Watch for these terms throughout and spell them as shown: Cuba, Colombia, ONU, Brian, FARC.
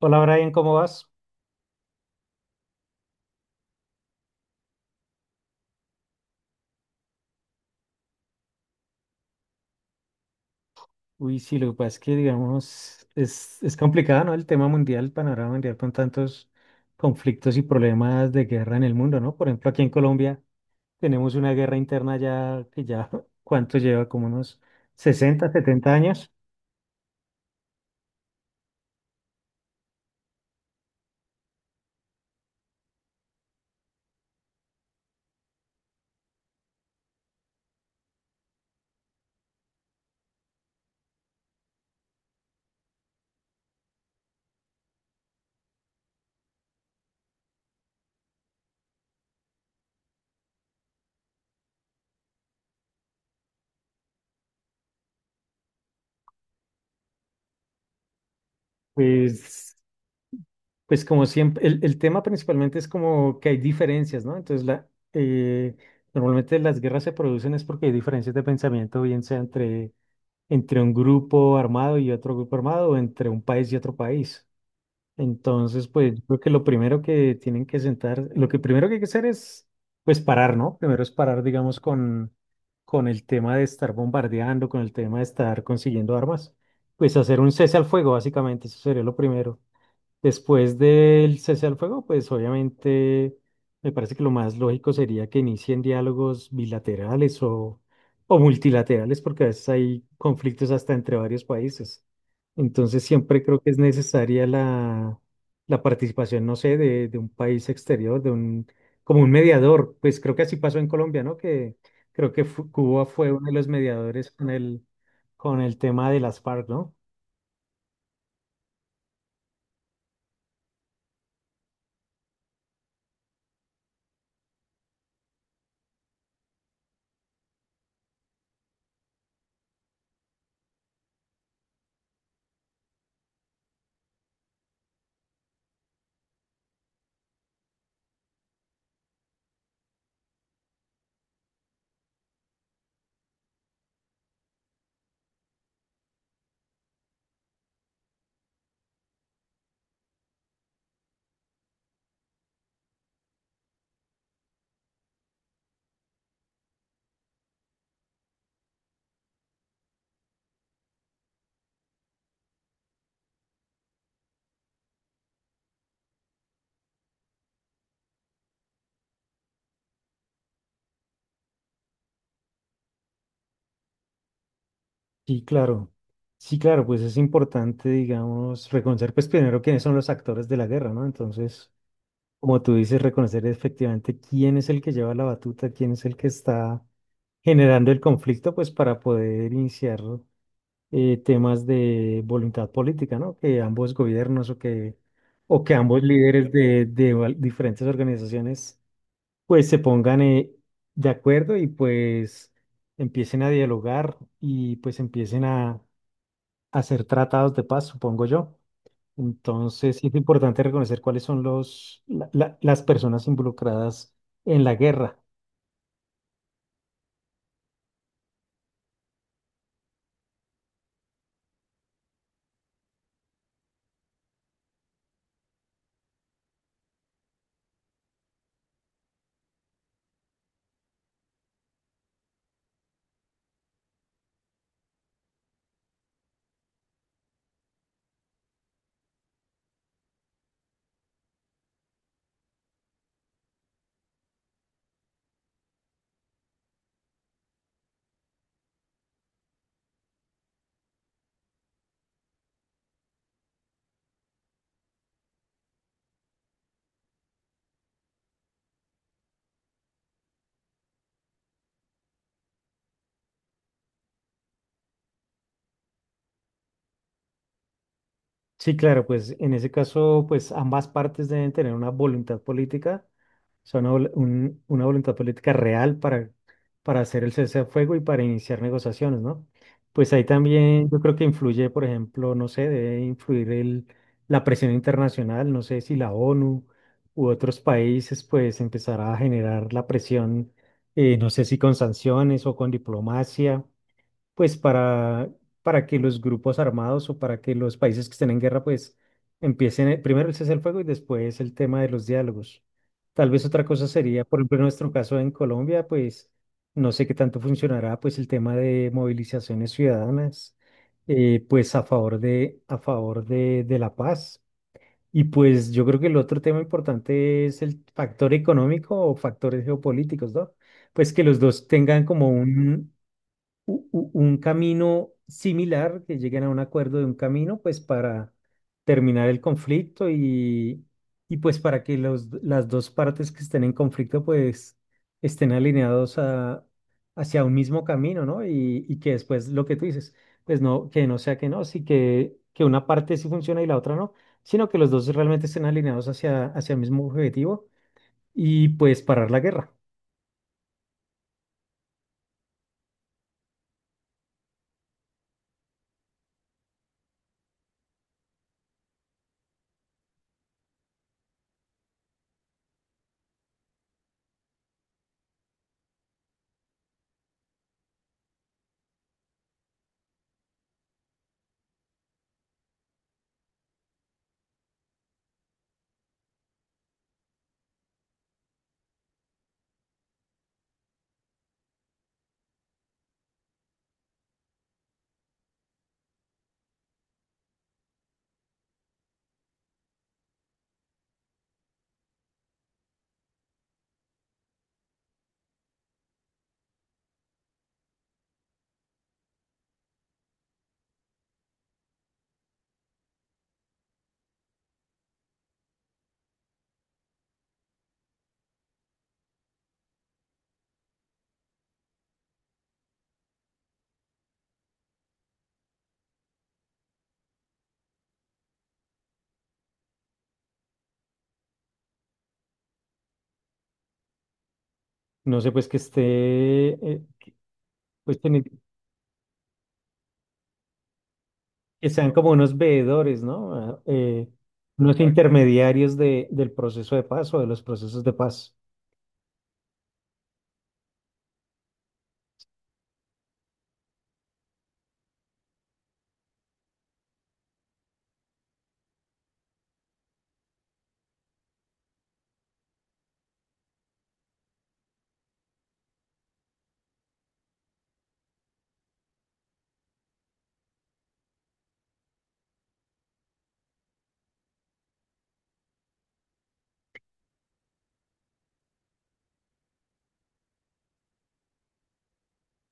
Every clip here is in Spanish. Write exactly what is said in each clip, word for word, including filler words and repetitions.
Hola Brian, ¿cómo vas? Uy, sí, lo que pasa es que, digamos, es, es complicado, ¿no? El tema mundial, el panorama mundial con tantos conflictos y problemas de guerra en el mundo, ¿no? Por ejemplo, aquí en Colombia tenemos una guerra interna ya que ya, ¿cuánto lleva? Como unos sesenta, setenta años. Pues, pues como siempre, el, el tema principalmente es como que hay diferencias, ¿no? Entonces, la, eh, normalmente las guerras se producen es porque hay diferencias de pensamiento, bien sea entre entre un grupo armado y otro grupo armado, o entre un país y otro país. Entonces, pues yo creo que lo primero que tienen que sentar, lo que primero que hay que hacer es, pues parar, ¿no? Primero es parar, digamos, con, con el tema de estar bombardeando, con el tema de estar consiguiendo armas, pues hacer un cese al fuego, básicamente, eso sería lo primero. Después del cese al fuego, pues obviamente me parece que lo más lógico sería que inicien diálogos bilaterales o, o multilaterales, porque a veces hay conflictos hasta entre varios países. Entonces siempre creo que es necesaria la, la participación, no sé, de, de un país exterior, de un, como un mediador. Pues creo que así pasó en Colombia, ¿no? Que creo que fu- Cuba fue uno de los mediadores con el, con el tema de las FARC, ¿no? Sí, claro. Sí, claro, pues es importante, digamos, reconocer, pues primero quiénes son los actores de la guerra, ¿no? Entonces, como tú dices, reconocer efectivamente quién es el que lleva la batuta, quién es el que está generando el conflicto, pues para poder iniciar eh, temas de voluntad política, ¿no? Que ambos gobiernos o que, o que ambos líderes de, de val- diferentes organizaciones, pues se pongan eh, de acuerdo y pues empiecen a dialogar y pues empiecen a hacer tratados de paz, supongo yo. Entonces, sí es importante reconocer cuáles son los, la- la- las personas involucradas en la guerra. Sí, claro, pues en ese caso, pues ambas partes deben tener una voluntad política, o sea, una, vol- un- una voluntad política real para, para hacer el cese al fuego y para iniciar negociaciones, ¿no? Pues ahí también yo creo que influye, por ejemplo, no sé, debe influir el, la presión internacional, no sé si la ONU u otros países, pues empezará a generar la presión, eh, no sé si con sanciones o con diplomacia pues para, para que los grupos armados o para que los países que estén en guerra, pues empiecen eh, primero el cese al fuego y después el tema de los diálogos. Tal vez otra cosa sería, por ejemplo, en nuestro caso en Colombia, pues no sé qué tanto funcionará, pues el tema de movilizaciones ciudadanas, eh, pues a favor de, a favor de, de la paz. Y pues yo creo que el otro tema importante es el factor económico o factores geopolíticos, ¿no? Pues que los dos tengan como un, u- u- un camino similar, que lleguen a un acuerdo de un camino, pues para terminar el conflicto y, y pues para que los, las dos partes que estén en conflicto pues estén alineados a, hacia un mismo camino, ¿no? Y, y que después lo que tú dices, pues no, que no sea que no, sí que, que una parte sí funciona y la otra no, sino que los dos realmente estén alineados hacia, hacia el mismo objetivo y pues parar la guerra. No sé, pues que esté, eh, que- pues que ni- que sean como unos veedores, ¿no? Eh, unos Exacto. intermediarios de, del proceso de paz o de los procesos de paz.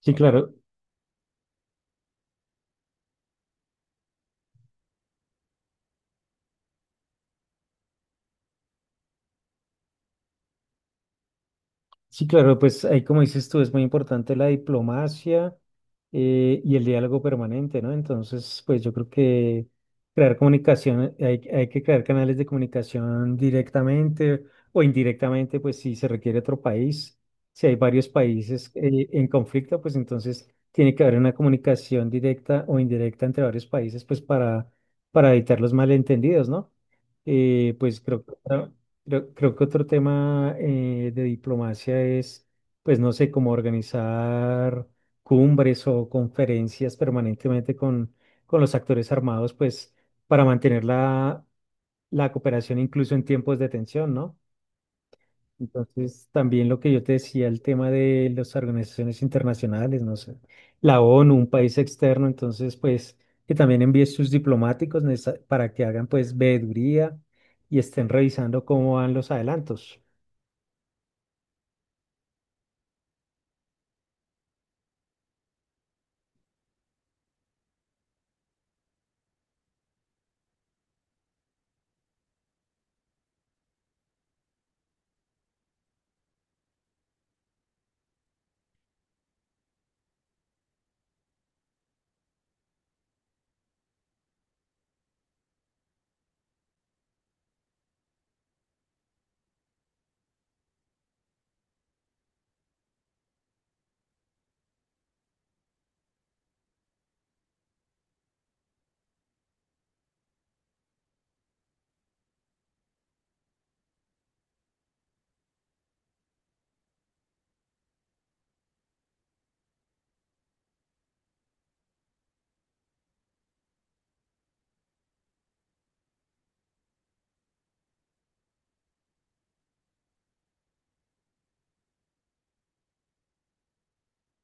Sí, claro. Sí, claro, pues ahí como dices tú, es muy importante la diplomacia eh, y el diálogo permanente, ¿no? Entonces, pues yo creo que crear comunicación, hay, hay que crear canales de comunicación directamente o indirectamente, pues si se requiere otro país, si hay varios países eh, en conflicto, pues entonces tiene que haber una comunicación directa o indirecta entre varios países, pues para, para evitar los malentendidos, ¿no? Eh, pues creo que... Creo, creo que otro tema eh, de diplomacia es, pues no sé, cómo organizar cumbres o conferencias permanentemente con, con los actores armados, pues para mantener la, la cooperación incluso en tiempos de tensión, ¿no? Entonces, también lo que yo te decía, el tema de las organizaciones internacionales, no sé, la ONU, un país externo, entonces, pues que también envíe sus diplomáticos necesa- para que hagan, pues, veeduría y estén revisando cómo van los adelantos.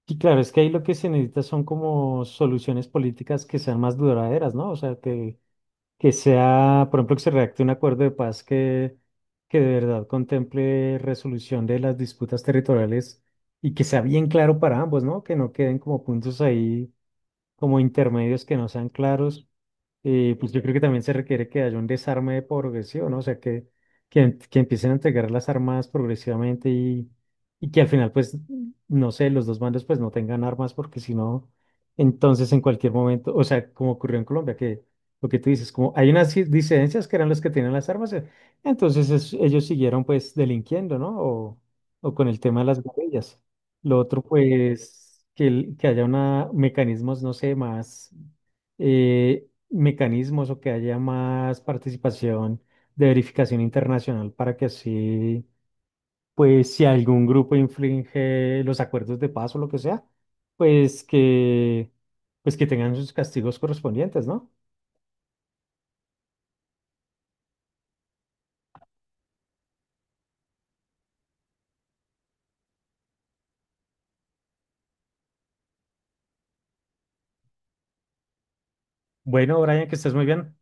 Y claro, es que ahí lo que se necesita son como soluciones políticas que sean más duraderas, ¿no? O sea, que, que sea, por ejemplo, que se redacte un acuerdo de paz que, que de verdad contemple resolución de las disputas territoriales y que sea bien claro para ambos, ¿no? Que no queden como puntos ahí, como intermedios que no sean claros. Y pues yo creo que también se requiere que haya un desarme progresivo, ¿no? O sea, que, que, em- que empiecen a entregar las armas progresivamente y, y que al final, pues, no sé, los dos bandos pues no tengan armas porque si no, entonces en cualquier momento, o sea, como ocurrió en Colombia, que lo que tú dices, como hay unas dis- disidencias que eran los que tenían las armas, eh, entonces es- ellos siguieron pues delinquiendo, ¿no? O, o con el tema de las guerrillas. Lo otro, pues, que, el- que haya una, mecanismos, no sé, más eh, mecanismos o que haya más participación de verificación internacional para que así, pues si algún grupo infringe los acuerdos de paz o lo que sea, pues que, pues que tengan sus castigos correspondientes, ¿no? Bueno, Brian, que estés muy bien.